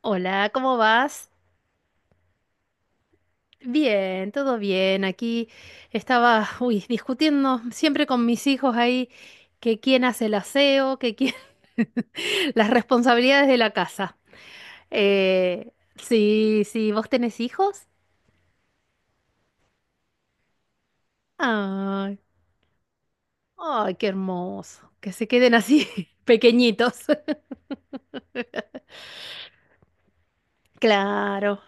Hola, ¿cómo vas? Bien, todo bien. Aquí estaba, uy, discutiendo siempre con mis hijos ahí que quién hace el aseo, que quién... las responsabilidades de la casa. Sí, sí, ¿vos tenés hijos? Ay, ay, qué hermoso. Que se queden así pequeñitos. Claro.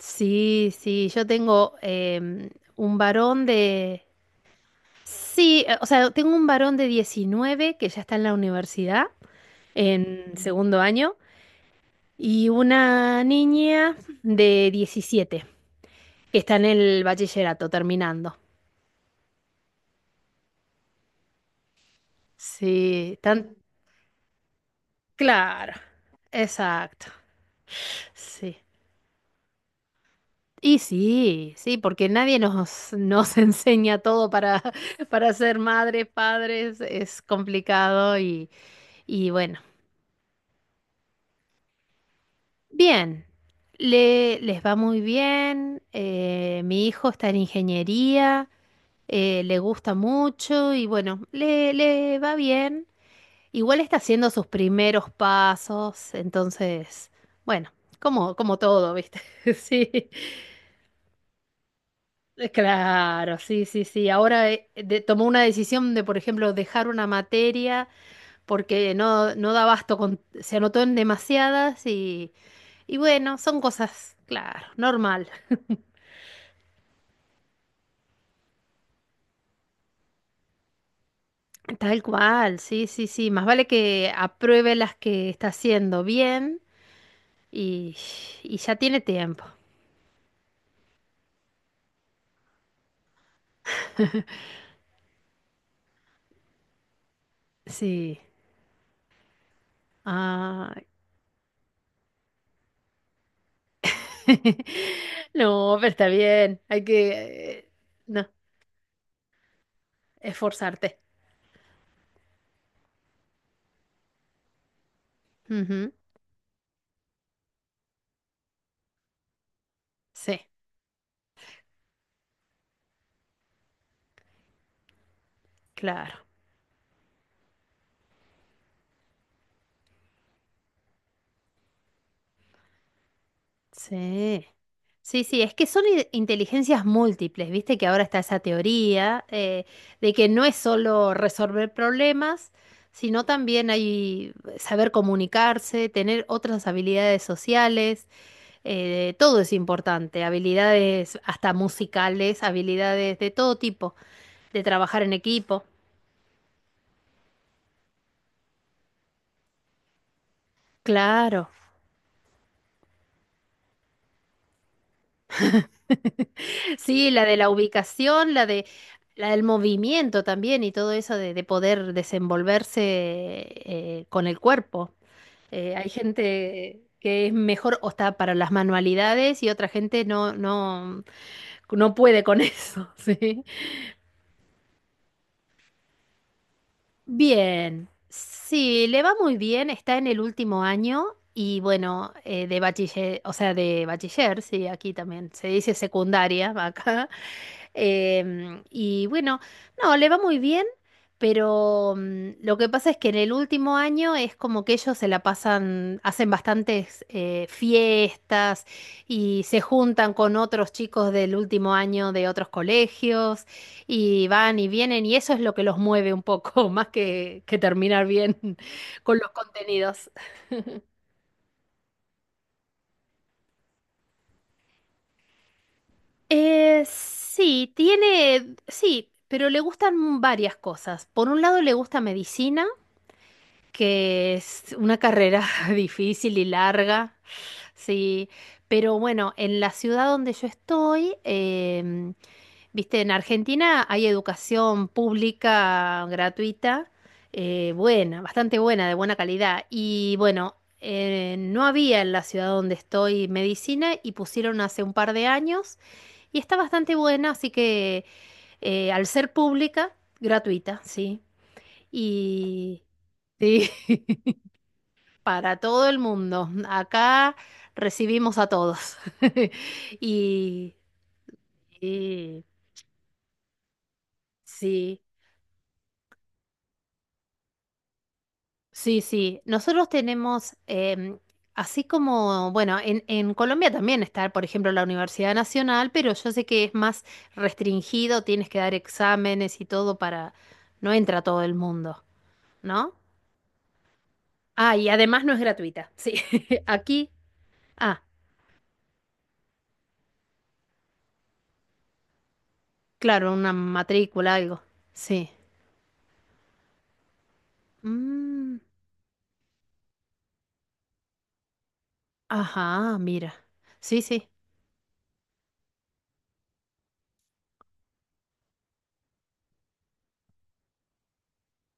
Sí, sí, yo tengo em, un varón de. Sí, o sea, tengo un varón de 19 que ya está en la universidad, en segundo año, y una niña de 17 que está en el bachillerato terminando. Sí, tan claro. Exacto. Sí. Y sí, sí, porque nadie nos enseña todo para, para ser madres, padres, es complicado y bueno. Bien, les va muy bien. Mi hijo está en ingeniería, le gusta mucho y bueno, le va bien. Igual está haciendo sus primeros pasos, entonces, bueno, como todo, ¿viste? Sí, claro, sí, sí, sí. Ahora tomó una decisión de, por ejemplo, dejar una materia porque no da abasto con, se anotó en demasiadas y bueno, son cosas, claro, normal. Tal cual, sí, sí, sí. Más vale que apruebe las que está haciendo bien y, y ya tiene tiempo. Sí. Ah. No, pero está bien. Hay que, eh, no, Esforzarte. Ujú, sí, claro. Sí. Sí, sí, es que son inteligencias múltiples, viste que ahora está esa teoría de que no es solo resolver problemas, sino también hay saber comunicarse, tener otras habilidades sociales, todo es importante, habilidades hasta musicales, habilidades de todo tipo, de trabajar en equipo. Claro. Sí, la de la ubicación, la de la del movimiento también y todo eso de poder desenvolverse con el cuerpo. Hay gente que es mejor o está para las manualidades y otra gente no puede con eso, ¿sí? Bien, sí, le va muy bien, está en el último año y bueno, de bachiller, o sea, de bachiller, sí, aquí también se dice secundaria acá. Y bueno, no, le va muy bien, pero lo que pasa es que en el último año es como que ellos se la pasan, hacen bastantes fiestas y se juntan con otros chicos del último año de otros colegios y van y vienen y eso es lo que los mueve un poco, más que terminar bien con los contenidos. Sí, tiene, sí, pero le gustan varias cosas. Por un lado le gusta medicina. Que es una carrera difícil y larga, sí, pero bueno, en la ciudad donde yo estoy, viste, en Argentina hay educación pública gratuita, buena, bastante buena, de buena calidad, y bueno, no había en la ciudad donde estoy medicina y pusieron hace un par de años y está bastante buena, así que al ser pública, gratuita, sí, y... Sí. Para todo el mundo. Acá recibimos a todos. Y, y sí, sí, sí. Nosotros tenemos, así como, bueno, en Colombia también está, por ejemplo, la Universidad Nacional, pero yo sé que es más restringido, tienes que dar exámenes y todo para... No entra todo el mundo, ¿no? Ah, y además no es gratuita. Sí, aquí. Ah, claro, una matrícula, algo. Sí. Mm. Ajá, mira. Sí, sí,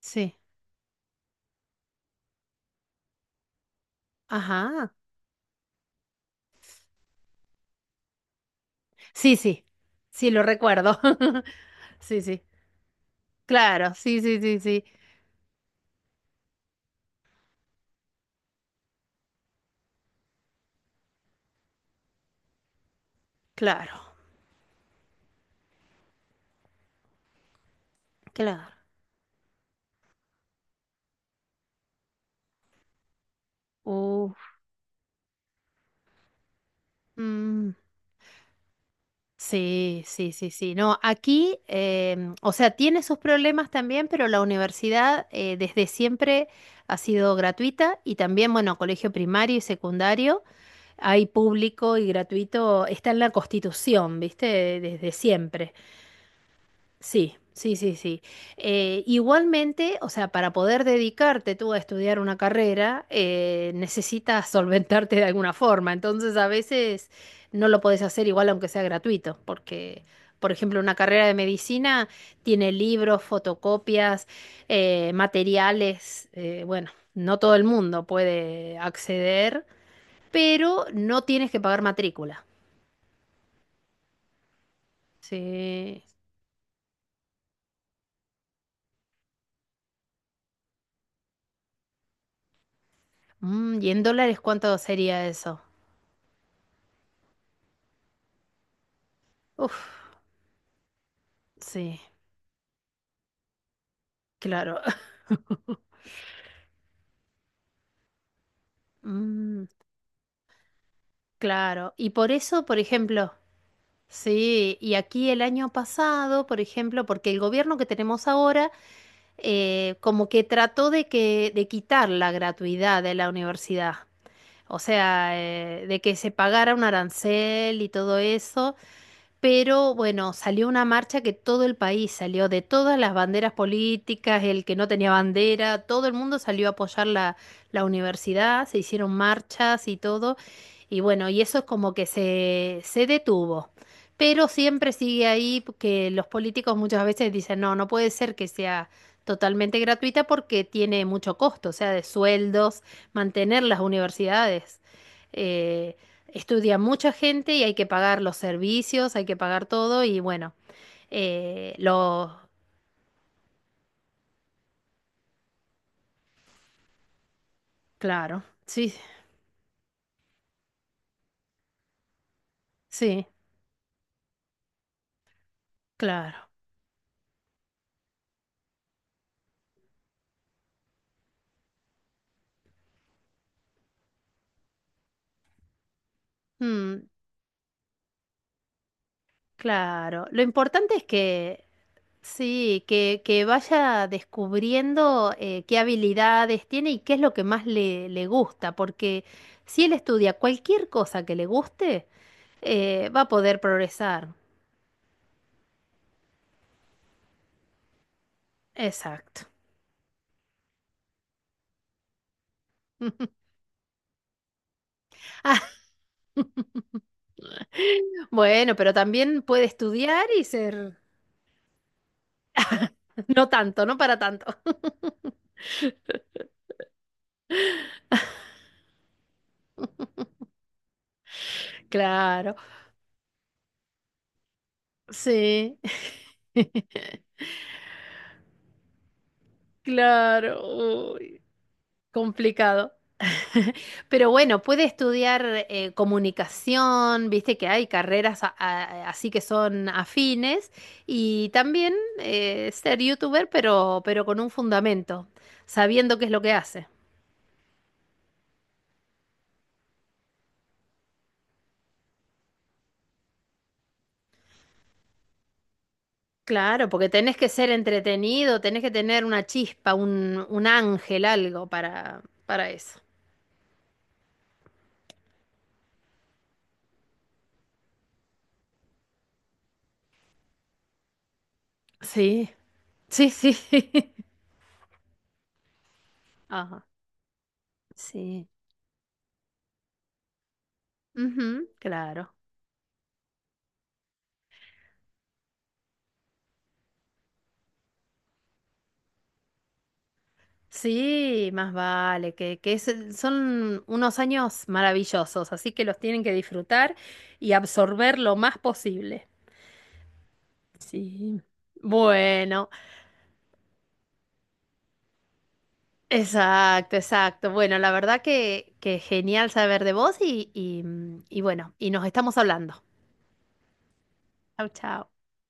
sí. Ajá. Sí, sí. Sí, lo recuerdo. Sí, sí. Claro, sí, sí, sí, sí. Claro, claro. Uf, mm, sí, sí, sí, sí. No, aquí, o sea, tiene sus problemas también, pero la universidad desde siempre ha sido gratuita y también, bueno, colegio primario y secundario, hay público y gratuito, está en la Constitución, ¿viste? Desde siempre. Sí, sí, sí, sí. Igualmente, o sea, para poder dedicarte tú a estudiar una carrera, necesitas solventarte de alguna forma. Entonces, a veces no lo podés hacer igual aunque sea gratuito, porque, por ejemplo, una carrera de medicina tiene libros, fotocopias, materiales. Bueno, no todo el mundo puede acceder, pero no tienes que pagar matrícula. Sí. Mm, ¿y en dólares cuánto sería eso? Uf. Sí, claro. Mm, claro. Y por eso, por ejemplo, sí, y aquí el año pasado, por ejemplo, porque el gobierno que tenemos ahora como que trató de de quitar la gratuidad de la universidad. O sea, de que se pagara un arancel y todo eso. Pero bueno, salió una marcha que todo el país salió, de todas las banderas políticas, el que no tenía bandera, todo el mundo salió a apoyar la, la universidad, se hicieron marchas y todo. Y bueno, y eso es como que se detuvo. Pero siempre sigue ahí que los políticos muchas veces dicen, no, no puede ser que sea totalmente gratuita porque tiene mucho costo, o sea, de sueldos, mantener las universidades. Eh, Estudia mucha gente y hay que pagar los servicios, hay que pagar todo y bueno, lo... Claro, sí, sí, claro. Mm, claro. Lo importante es que, sí, que vaya descubriendo qué habilidades tiene y qué es lo que más le gusta, porque si él estudia cualquier cosa que le guste, va a poder progresar. Exacto. Ah, Bueno, pero también puede estudiar y ser... No tanto, no para tanto. Claro, sí. Claro, uy, complicado. Pero bueno, puede estudiar comunicación, viste que hay carreras así que son afines, y también ser youtuber, pero con un fundamento, sabiendo qué es lo que hace. Claro, porque tenés que ser entretenido, tenés que tener una chispa, un ángel, algo para eso. Sí, sí, sí, ajá, sí. Ujú, claro. Sí, más vale, que son unos años maravillosos, así que los tienen que disfrutar y absorber lo más posible. Sí. Bueno, exacto, exacto. Bueno, la verdad que genial saber de vos y bueno, y nos estamos hablando. Chao, chao.